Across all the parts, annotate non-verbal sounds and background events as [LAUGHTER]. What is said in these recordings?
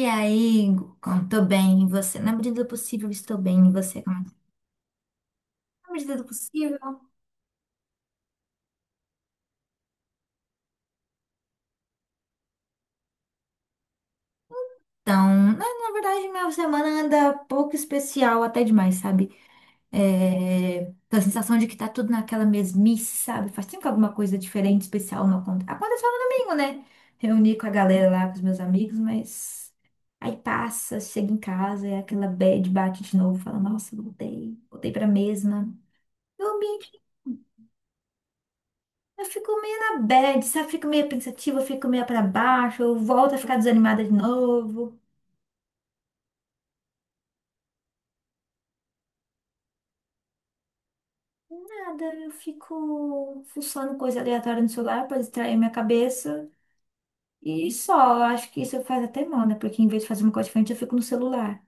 E aí, Hugo, como tô bem, e você? Na medida do possível, estou bem, e você? Como é que tá? Na medida do possível. Então, na verdade, minha semana anda pouco especial, até demais, sabe? Tô a sensação de que tá tudo naquela mesmice, sabe? Faz tempo que alguma coisa diferente, especial não acontece. Aconteceu no domingo, né? Reuni com a galera lá, com os meus amigos, mas aí passa, chega em casa, é aquela bad, bate de novo, fala, nossa, voltei pra mesma. Eu fico meio na bad, sabe? Fico meio pensativa, fico meio pra baixo, eu volto a ficar desanimada de novo. Nada, eu fico fuçando coisa aleatória no celular pra distrair minha cabeça. E só, eu acho que isso faz até mal, né? Porque em vez de fazer uma coisa diferente, eu fico no celular.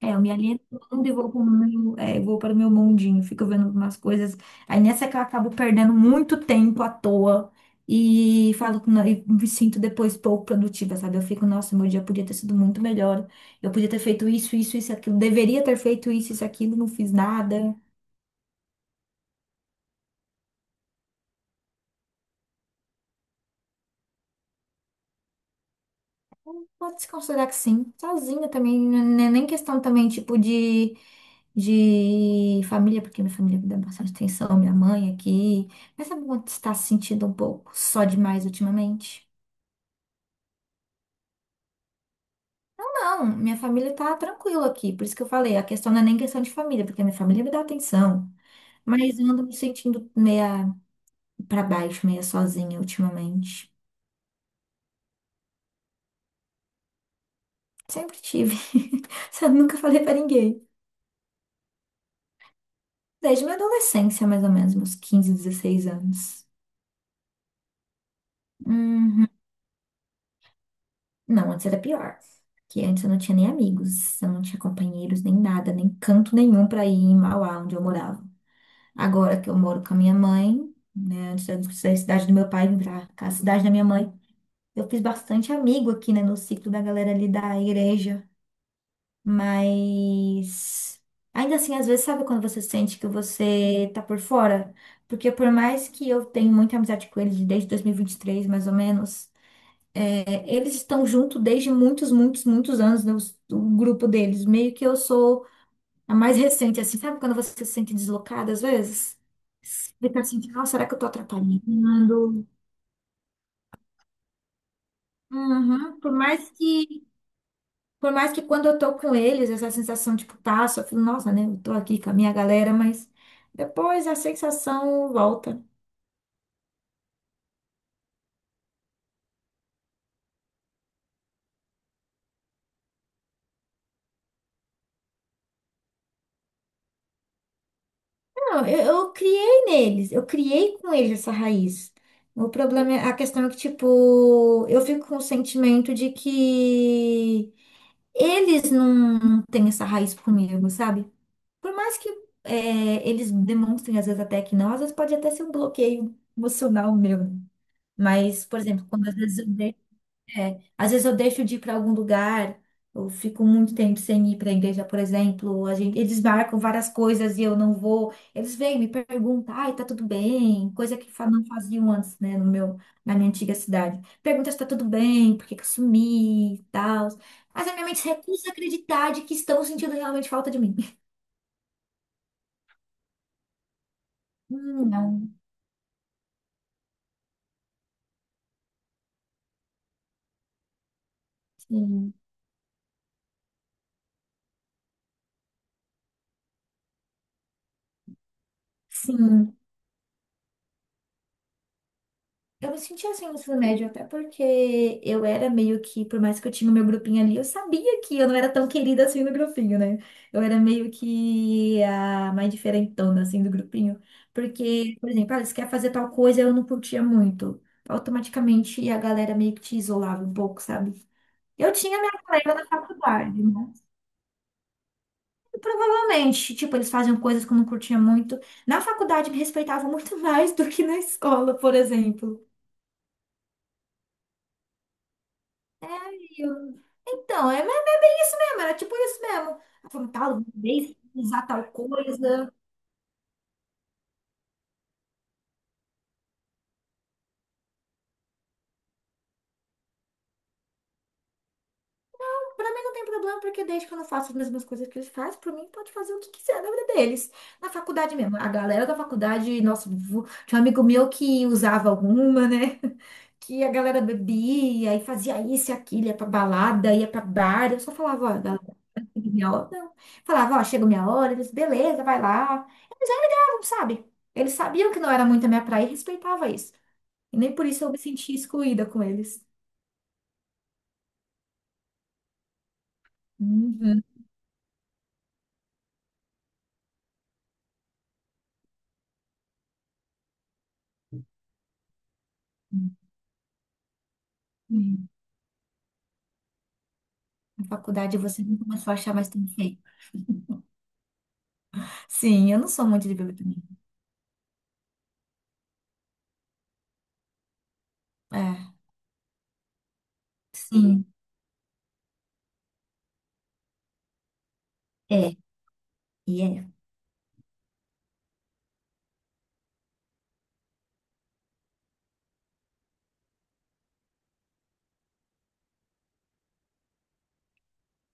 É, eu me alieno tudo e vou para o meu, é, vou para o meu mundinho, fico vendo umas coisas. Aí nessa que eu acabo perdendo muito tempo à toa e falo que não- e me sinto depois pouco produtiva, sabe? Eu fico, nossa, meu dia podia ter sido muito melhor. Eu podia ter feito isso, isso, isso, aquilo. Deveria ter feito isso, isso, aquilo, não fiz nada. Pode se considerar que sim. Sozinha também, não é nem questão também, tipo, de família, porque minha família me dá bastante atenção, minha mãe aqui. Mas sabe quando você está se sentindo um pouco só demais ultimamente? Não, minha família tá tranquila aqui, por isso que eu falei, a questão não é nem questão de família, porque minha família me dá atenção. Mas eu ando me sentindo meia pra baixo, meia sozinha ultimamente. Sempre tive. [LAUGHS] Só nunca falei pra ninguém. Desde minha adolescência, mais ou menos, meus 15, 16 anos. Uhum. Não, antes era pior. Que antes eu não tinha nem amigos, eu não tinha companheiros, nem nada, nem canto nenhum pra ir em Mauá, onde eu morava. Agora que eu moro com a minha mãe, né, antes da cidade do meu pai vir pra cá, a cidade da minha mãe, eu fiz bastante amigo aqui, né, no ciclo da galera ali da igreja. Mas ainda assim, às vezes, sabe quando você sente que você tá por fora? Porque por mais que eu tenha muita amizade com eles desde 2023, mais ou menos. É, eles estão junto desde muitos, muitos, muitos anos, né, o grupo deles. Meio que eu sou a mais recente, assim, sabe quando você se sente deslocada às vezes? Fica assim, nossa, será que eu tô atrapalhando? Uhum. Por mais que quando eu tô com eles, essa sensação, tipo, passa, eu falo, nossa, né, eu tô aqui com a minha galera, mas depois a sensação volta. Não, eu criei neles, eu criei com eles essa raiz. A questão é que, tipo, eu fico com o sentimento de que eles não têm essa raiz comigo, sabe? Por mais que eles demonstrem, às vezes, até que não, às vezes pode até ser um bloqueio emocional meu. Mas, por exemplo, quando às vezes eu é, às vezes eu deixo de ir para algum lugar, eu fico muito tempo sem ir para a igreja, por exemplo. A gente, eles marcam várias coisas e eu não vou. Eles vêm me perguntam, ai, tá tudo bem? Coisa que não faziam antes, né, no meu, na minha antiga cidade. Pergunta se tá tudo bem, por que que eu sumi e tal. Mas a minha mente se recusa a acreditar de que estão sentindo realmente falta de mim. [LAUGHS] Hum. Não, sim, sim. Eu me sentia assim no ensino médio, até porque eu era meio que, por mais que eu tinha o meu grupinho ali, eu sabia que eu não era tão querida assim no grupinho, né? Eu era meio que a mais diferentona assim do grupinho. Porque, por exemplo, ah, você quer fazer tal coisa, eu não curtia muito. Automaticamente a galera meio que te isolava um pouco, sabe? Eu tinha minha colega na faculdade, né? E provavelmente, tipo, eles faziam coisas que eu não curtia muito. Na faculdade me respeitavam muito [LAUGHS] mais do que na escola, por exemplo. E eu, Então, é bem isso mesmo, era tipo isso mesmo. Ela falou, tal, vez usar tal coisa. Pra mim não tem problema, porque desde que eu não faço as mesmas coisas que eles fazem, pra mim pode fazer o que quiser da vida deles. Na faculdade mesmo, a galera da faculdade, nossa, tinha um amigo meu que usava alguma, né? [LAUGHS] Que a galera bebia e fazia isso e aquilo, ia pra balada, ia pra bar. Eu só falava, ó, galera. Minha hora, não. Falava, ó, chega minha hora, eles, beleza, vai lá. Eles já ligavam, sabe? Eles sabiam que não era muito a minha praia e respeitava isso. E nem por isso eu me sentia excluída com eles. Uhum. Sim. Na faculdade você não começou a achar mais tão feio. Sim, eu não sou muito de bebê também. É, sim, é, e é.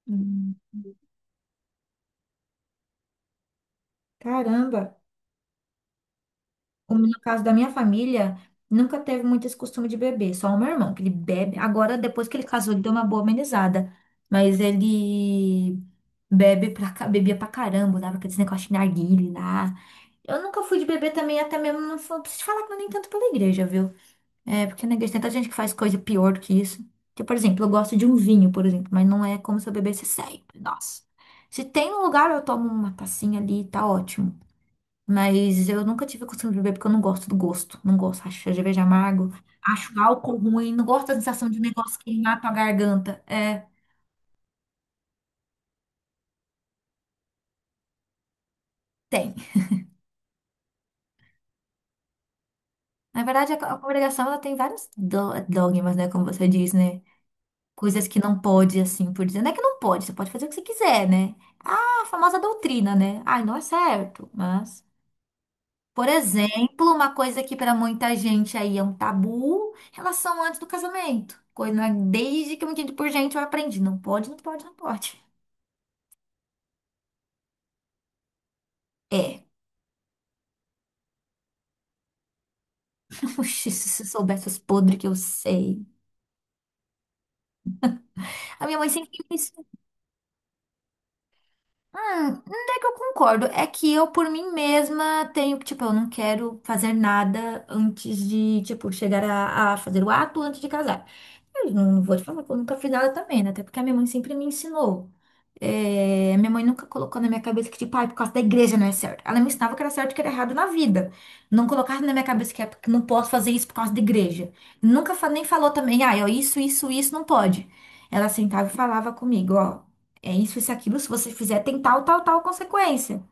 Hum. Caramba. Como no caso da minha família, nunca teve muito esse costume de beber, só o meu irmão, que ele bebe. Agora, depois que ele casou, ele deu uma boa amenizada, mas ele bebia pra caramba, dava aqueles negócios de narguile lá. Eu nunca fui de beber também, até mesmo, não fui- preciso te falar que não é nem tanto pela igreja, viu? É, porque na igreja tem tanta gente que faz coisa pior do que isso. Porque, por exemplo, eu gosto de um vinho, por exemplo, mas não é como se eu bebesse sempre, nossa. Se tem um lugar, eu tomo uma tacinha ali, tá ótimo. Mas eu nunca tive a costume de beber porque eu não gosto do gosto. Não gosto. Acho cerveja amargo. Acho álcool ruim. Não gosto da sensação de um negócio queimar tua garganta. É, tem. Na verdade, a congregação ela tem vários dogmas, né? Como você diz, né? Coisas que não pode, assim, por dizer. Não é que não pode, você pode fazer o que você quiser, né? Ah, a famosa doutrina, né? Ai, não é certo, mas. Por exemplo, uma coisa que para muita gente aí é um tabu, relação antes do casamento. Coisa né, desde que eu me entendo por gente, eu aprendi. Não pode, não pode, não pode. É. [LAUGHS] Oxi, se você soubesse os podres que eu sei. A minha mãe sempre me ensinou. Onde é que eu concordo? É que eu, por mim mesma, tenho que, tipo, eu não quero fazer nada antes de, tipo, chegar a fazer o ato antes de casar. Eu não vou te falar que eu nunca fiz nada também, né? Até porque a minha mãe sempre me ensinou. É, minha mãe nunca colocou na minha cabeça que, tipo, ai, por causa da igreja não é certo. Ela me ensinava que era certo e que era errado na vida. Não colocava na minha cabeça que, é, porque não posso fazer isso por causa da igreja. Nunca fa- Nem falou também, ai, ó, isso não pode. Ela sentava e falava comigo, ó. É isso, isso, aquilo. Se você fizer, tem tal, tal, tal consequência.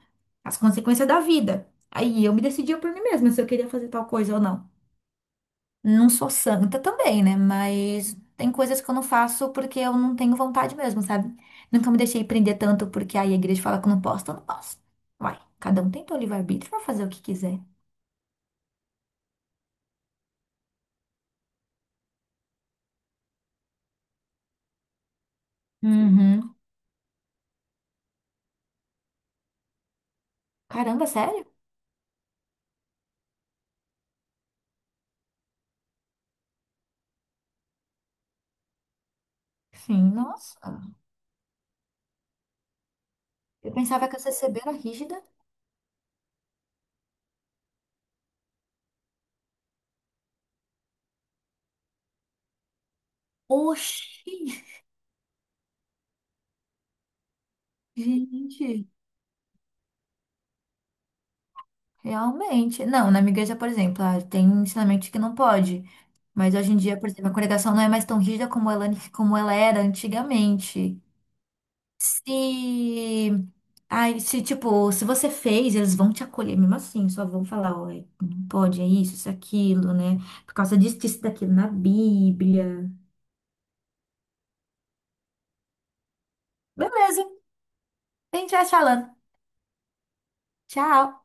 As consequências da vida. Aí eu me decidia por mim mesma se eu queria fazer tal coisa ou não. Não sou santa também, né? Mas tem coisas que eu não faço porque eu não tenho vontade mesmo, sabe? Nunca me deixei prender tanto porque aí a igreja fala que eu não posso, então eu não posso. Uai, cada um tem seu livre-arbítrio pra fazer o que quiser. Uhum. Caramba, sério? Sim, nossa. Eu pensava que a CCB era rígida. Oxi, [LAUGHS] gente. Realmente. Não, na minha igreja, por exemplo, ah, tem ensinamento que não pode. Mas hoje em dia, por exemplo, a congregação não é mais tão rígida como ela era antigamente. Se. Ai, se, tipo, se você fez, eles vão te acolher mesmo assim, só vão falar, ó, não pode, é isso, isso, aquilo, né? Por causa disso, disso, daquilo na Bíblia. Beleza, a gente vai se falando. Tchau.